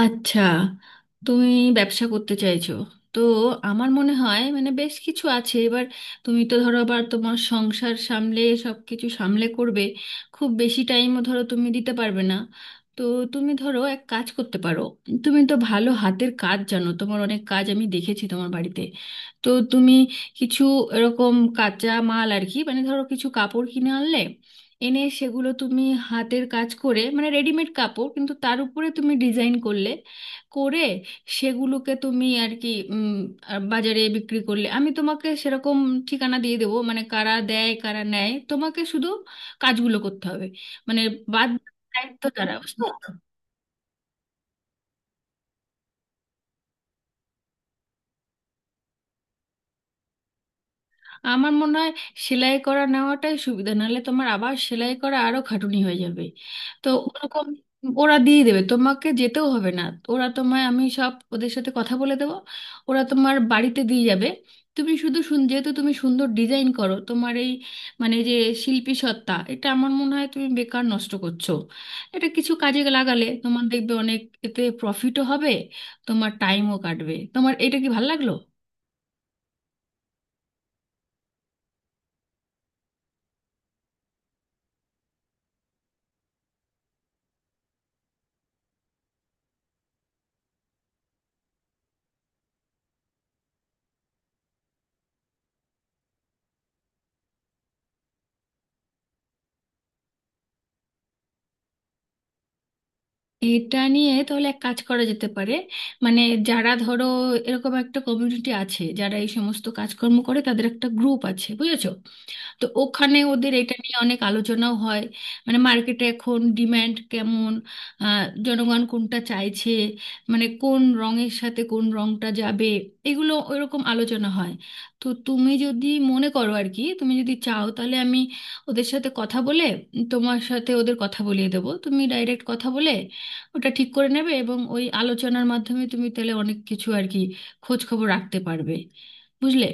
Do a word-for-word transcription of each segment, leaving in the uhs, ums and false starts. আচ্ছা, তুমি ব্যবসা করতে চাইছো। তো আমার মনে হয় মানে বেশ কিছু আছে এবার। তুমি তো ধরো আবার তোমার সংসার সামলে সব কিছু সামলে করবে, খুব বেশি টাইমও ধরো তুমি দিতে পারবে না। তো তুমি ধরো এক কাজ করতে পারো। তুমি তো ভালো হাতের কাজ জানো, তোমার অনেক কাজ আমি দেখেছি তোমার বাড়িতে। তো তুমি কিছু এরকম কাঁচা মাল আর কি, মানে ধরো কিছু কাপড় কিনে আনলে, এনে সেগুলো তুমি হাতের কাজ করে, মানে রেডিমেড কাপড় কিন্তু তার উপরে তুমি ডিজাইন করলে, করে সেগুলোকে তুমি আর কি উম, আর বাজারে বিক্রি করলে, আমি তোমাকে সেরকম ঠিকানা দিয়ে দেবো, মানে কারা দেয় কারা নেয়। তোমাকে শুধু কাজগুলো করতে হবে, মানে বাদ দায়িত্ব তারা বুঝলে। আমার মনে হয় সেলাই করা নেওয়াটাই সুবিধা, নাহলে তোমার আবার সেলাই করা আরো খাটুনি হয়ে যাবে। তো ওরকম ওরা দিয়ে দেবে, তোমাকে যেতেও হবে না। ওরা তোমায়, আমি সব ওদের সাথে কথা বলে দেবো, ওরা তোমার বাড়িতে দিয়ে যাবে। তুমি শুধু শুন, যেহেতু তুমি সুন্দর ডিজাইন করো, তোমার এই মানে যে শিল্পী সত্তা, এটা আমার মনে হয় তুমি বেকার নষ্ট করছো। এটা কিছু কাজে লাগালে তোমার দেখবে অনেক, এতে প্রফিটও হবে, তোমার টাইমও কাটবে। তোমার এটা কি ভালো লাগলো? এটা নিয়ে তাহলে এক কাজ করা যেতে পারে, মানে যারা ধরো এরকম একটা কমিউনিটি আছে যারা এই সমস্ত কাজকর্ম করে, তাদের একটা গ্রুপ আছে, বুঝেছো? তো ওখানে ওদের এটা নিয়ে অনেক আলোচনাও হয়, মানে মার্কেটে এখন ডিম্যান্ড কেমন, আহ, জনগণ কোনটা চাইছে, মানে কোন রঙের সাথে কোন রঙটা যাবে, এগুলো ওইরকম আলোচনা হয়। তো তুমি যদি মনে করো আর কি, তুমি যদি চাও তাহলে আমি ওদের সাথে কথা বলে তোমার সাথে ওদের কথা বলিয়ে দেবো, তুমি ডাইরেক্ট কথা বলে ওটা ঠিক করে নেবে, এবং ওই আলোচনার মাধ্যমে তুমি তাহলে অনেক কিছু আর কি খোঁজ খবর রাখতে পারবে, বুঝলে?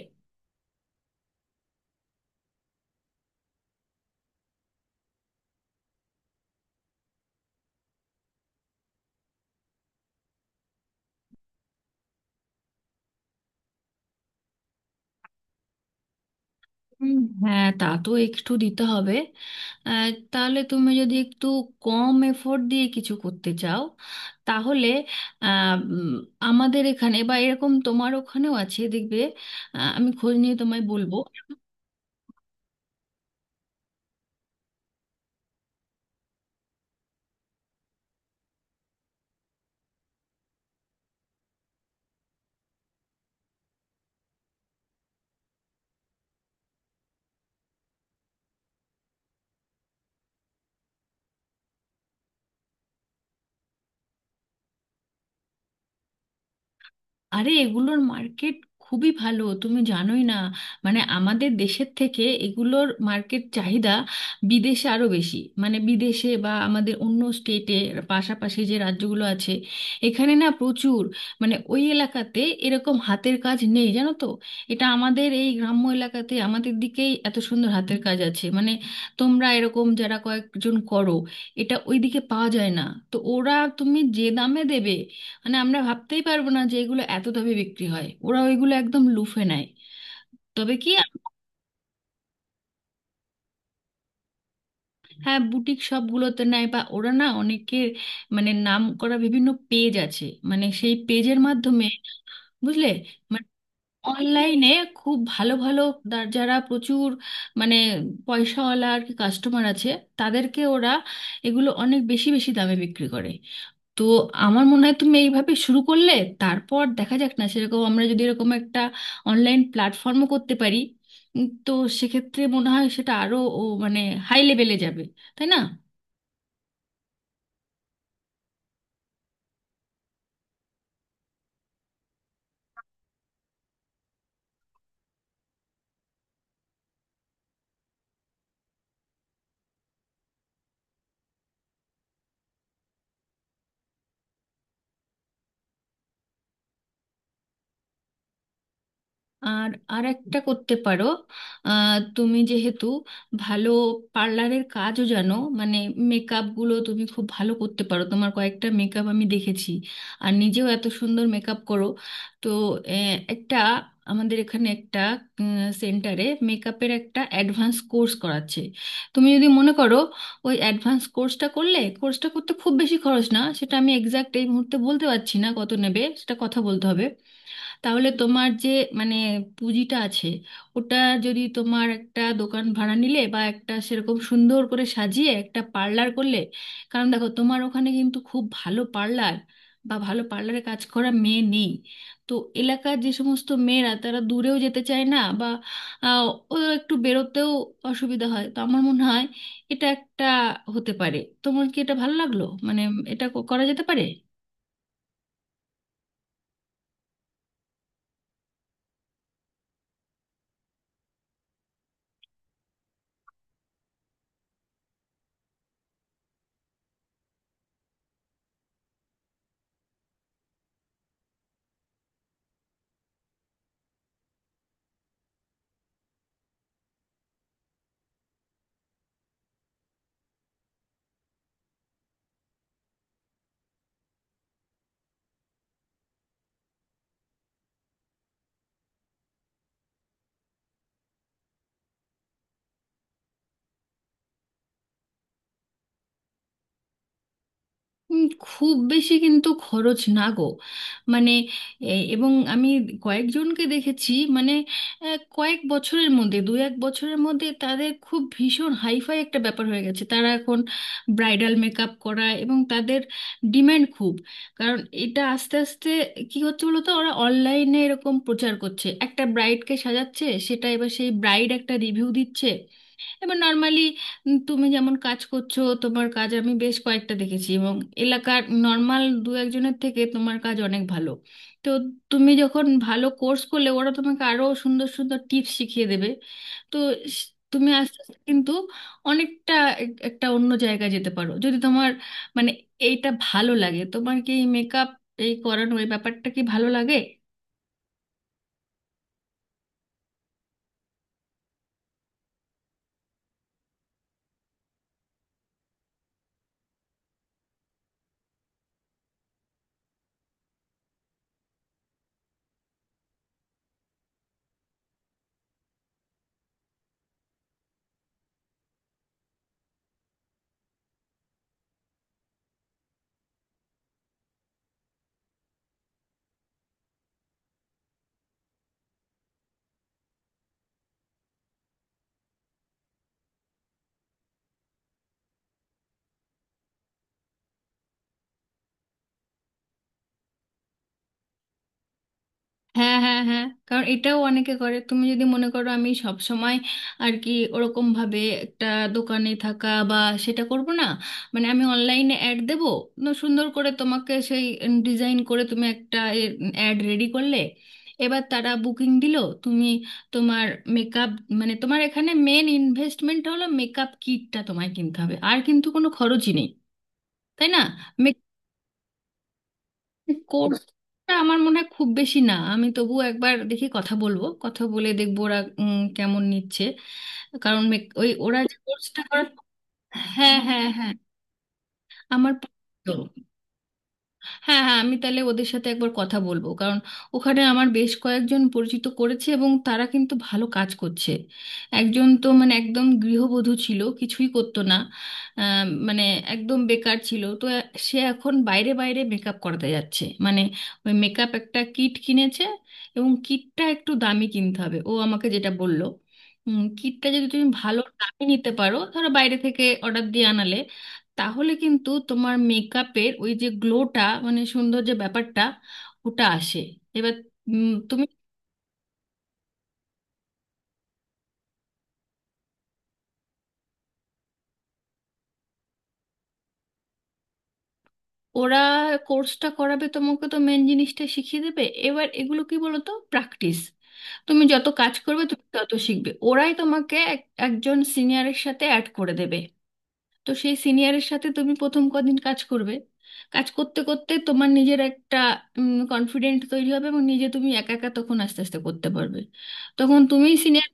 উম, হ্যাঁ, তা তো একটু দিতে হবে। আহ, তাহলে তুমি যদি একটু কম এফোর্ট দিয়ে কিছু করতে চাও, তাহলে আহ, উম, আমাদের এখানে বা এরকম তোমার ওখানেও আছে দেখবে। আহ, আমি খোঁজ নিয়ে তোমায় বলবো। আরে এগুলোর মার্কেট খুবই ভালো, তুমি জানোই না। মানে আমাদের দেশের থেকে এগুলোর মার্কেট চাহিদা বিদেশে আরো বেশি, মানে বিদেশে বা আমাদের অন্য স্টেটে, পাশাপাশি যে রাজ্যগুলো আছে এখানে না প্রচুর, মানে ওই এলাকাতে এরকম হাতের কাজ নেই, জানো তো। এটা আমাদের এই গ্রাম্য এলাকাতে আমাদের দিকেই এত সুন্দর হাতের কাজ আছে, মানে তোমরা এরকম যারা কয়েকজন করো, এটা ওইদিকে পাওয়া যায় না। তো ওরা তুমি যে দামে দেবে, মানে আমরা ভাবতেই পারবো না যে এগুলো এত দামে বিক্রি হয়, ওরা ওইগুলো একদম লুফে নেয়। তবে কি, হ্যাঁ বুটিক শপগুলোতে নেয় বা ওরা না অনেকের, মানে নাম করা বিভিন্ন পেজ আছে, মানে সেই পেজের মাধ্যমে, বুঝলে? মানে অনলাইনে খুব ভালো ভালো দা- যারা প্রচুর, মানে পয়সাওয়ালা আর কি কাস্টমার আছে, তাদেরকে ওরা এগুলো অনেক বেশি বেশি দামে বিক্রি করে। তো আমার মনে হয় তুমি এইভাবে শুরু করলে, তারপর দেখা যাক না, সেরকম আমরা যদি এরকম একটা অনলাইন প্ল্যাটফর্মও করতে পারি, উম, তো সেক্ষেত্রে মনে হয় সেটা আরো ও মানে হাই লেভেলে যাবে, তাই না? আর আর একটা করতে পারো, আহ, তুমি যেহেতু ভালো পার্লারের কাজও জানো, মানে মেকআপগুলো তুমি খুব ভালো করতে পারো, তোমার কয়েকটা মেকআপ আমি দেখেছি, আর নিজেও এত সুন্দর মেকআপ করো। তো আহ, একটা আমাদের এখানে একটা সেন্টারে মেকআপের একটা অ্যাডভান্স কোর্স করাচ্ছে। তুমি যদি মনে করো ওই অ্যাডভান্স কোর্সটা করলে, কোর্সটা করতে খুব বেশি খরচ না, সেটা আমি এক্সাক্ট এই মুহূর্তে বলতে পারছি না কত নেবে, সেটা কথা বলতে হবে। তাহলে তোমার যে মানে পুঁজিটা আছে ওটা, যদি তোমার একটা দোকান ভাড়া নিলে বা একটা সেরকম সুন্দর করে সাজিয়ে একটা পার্লার করলে, কারণ দেখো তোমার ওখানে কিন্তু খুব ভালো পার্লার বা ভালো পার্লারে কাজ করা মেয়ে নেই। তো এলাকার যে সমস্ত মেয়েরা তারা দূরেও যেতে চায় না, বা আহ, ও একটু বেরোতেও অসুবিধা হয়। তো আমার মনে হয় এটা একটা হতে পারে। তোমার কি এটা ভালো লাগলো, মানে এটা ক- করা যেতে পারে? উম, খুব বেশি কিন্তু খরচ না গো, মানে এ- এবং আমি কয়েকজনকে দেখেছি, মানে আহ, কয়েক বছরের মধ্যে দু এক বছরের মধ্যে তাদের খুব ভীষণ হাইফাই একটা ব্যাপার হয়ে গেছে, তারা এখন ব্রাইডাল মেকআপ করা, এবং তাদের ডিম্যান্ড খুব, কারণ এটা আস্তে আস্তে কি হচ্ছে বলো তো, ওরা অনলাইনে এরকম প্রচার করছে, একটা ব্রাইডকে সাজাচ্ছে, সেটা এবার সেই ব্রাইড একটা রিভিউ দিচ্ছে। এবার নর্মালি তুমি যেমন কাজ করছো, তোমার কাজ আমি বেশ কয়েকটা দেখেছি, এবং এলাকার নর্মাল দু একজনের থেকে তোমার কাজ অনেক ভালো। তো তুমি যখন ভালো কোর্স করলে, ওরা তোমাকে আরো সুন্দর সুন্দর টিপস শিখিয়ে দেবে। তো স- তুমি আস্তে আস্তে কিন্তু অনেকটা এক- একটা অন্য জায়গায় যেতে পারো, যদি তোমার মানে এইটা ভালো লাগে। তোমার কি মেকআপ, এই makeup, এই করানো, এই ব্যাপারটা কি ভালো লাগে? হ্যাঁ, হ্যাঁ, হ্যাঁ, কারণ এটাও অনেকে করে। তুমি যদি মনে করো আমি সব সময় আর কি ওরকম ভাবে একটা দোকানে থাকা বা সেটা করব না, মানে আমি অনলাইনে অ্যাড দেবো, ন সুন্দর করে তোমাকে সেই ডিজাইন করে তুমি একটা অ্যাড রেডি করলে, এবার তারা বুকিং দিল, তুমি তোমার মেকআপ, মানে তোমার এখানে মেন ইনভেস্টমেন্ট হলো মেকআপ কিটটা তোমায় কিনতে হবে, আর কিন্তু কোনো খরচই নেই, তাই না? কোর্সটা আমার মনে হয় খুব বেশি না, আমি তবু একবার দেখি, কথা বলবো, কথা বলে দেখবো ওরা উম, কেমন নিচ্ছে, কারণ মেক- ওই ওরা যে কোর্সটা করে। হ্যাঁ, হ্যাঁ, হ্যাঁ, আমার পছন্দ। হ্যাঁ, হ্যাঁ, আমি তাহলে ওদের সাথে একবার কথা বলবো, কারণ ওখানে আমার বেশ কয়েকজন পরিচিত করেছে এবং তারা কিন্তু ভালো কাজ করছে। একজন তো মানে একদম গৃহবধূ ছিল, কিছুই করতো না, আম, মানে একদম বেকার ছিল। তো এ- সে এখন বাইরে বাইরে মেকআপ করাতে যাচ্ছে, মানে ওই মেকআপ একটা কিট কিনেছে, এবং কিটটা একটু দামি কিনতে হবে ও আমাকে যেটা বললো। কিটটা যদি তুমি ভালো দামে নিতে পারো, ধরো বাইরে থেকে অর্ডার দিয়ে আনালে, তাহলে কিন্তু তোমার মেকআপের ওই যে গ্লোটা, মানে সুন্দর যে ব্যাপারটা ওটা আসে। এবার উম, তুমি ওরা কোর্সটা করাবে, তোমাকে তো মেন জিনিসটা শিখিয়ে দেবে। এবার এগুলো কি বলো তো, প্র্যাকটিস, তুমি যত কাজ করবে তুমি তত শিখবে। ওরাই তোমাকে এক- একজন সিনিয়রের সাথে অ্যাড করে দেবে। তো সেই সিনিয়রের সাথে তুমি প্রথম কদিন কাজ করবে, কাজ করতে করতে তোমার নিজের একটা কনফিডেন্ট তৈরি হবে, এবং নিজে তুমি একা একা তখন আস্তে আস্তে করতে পারবে, তখন তুমি সিনিয়র।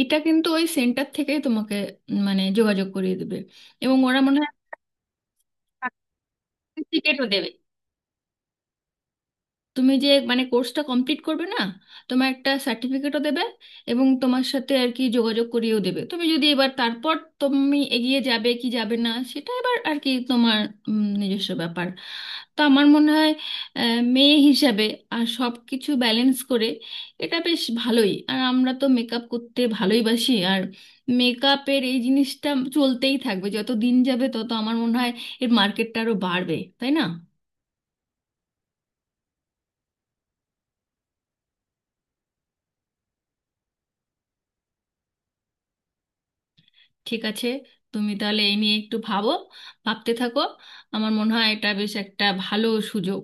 এটা কিন্তু ওই সেন্টার থেকেই তোমাকে উম, মানে যোগাযোগ করিয়ে দেবে, এবং ওরা মনে হয় টিকিটও দেবে। তুমি যে মানে কোর্সটা কমপ্লিট করবে না, তোমার একটা সার্টিফিকেটও দেবে, এবং তোমার সাথে আর কি যোগাযোগ করিয়েও দেবে। তুমি যদি এবার তারপর তুমি এগিয়ে যাবে কি যাবে না, সেটা এবার আর কি তোমার উম, নিজস্ব ব্যাপার। তো আমার মনে হয় আহ, মেয়ে হিসাবে আর সব কিছু ব্যালেন্স করে এটা বেশ ভালোই, আর আমরা তো মেকআপ করতে ভালোইবাসি, আর মেকআপের এই জিনিসটা চলতেই থাকবে। যত দিন যাবে তত আমার মনে হয় এর মার্কেটটা আরো বাড়বে, তাই না? ঠিক আছে, তুমি তাহলে এই নিয়ে একটু ভাবো, ভাবতে থাকো, আমার মনে হয় এটা বেশ একটা ভালো সুযোগ।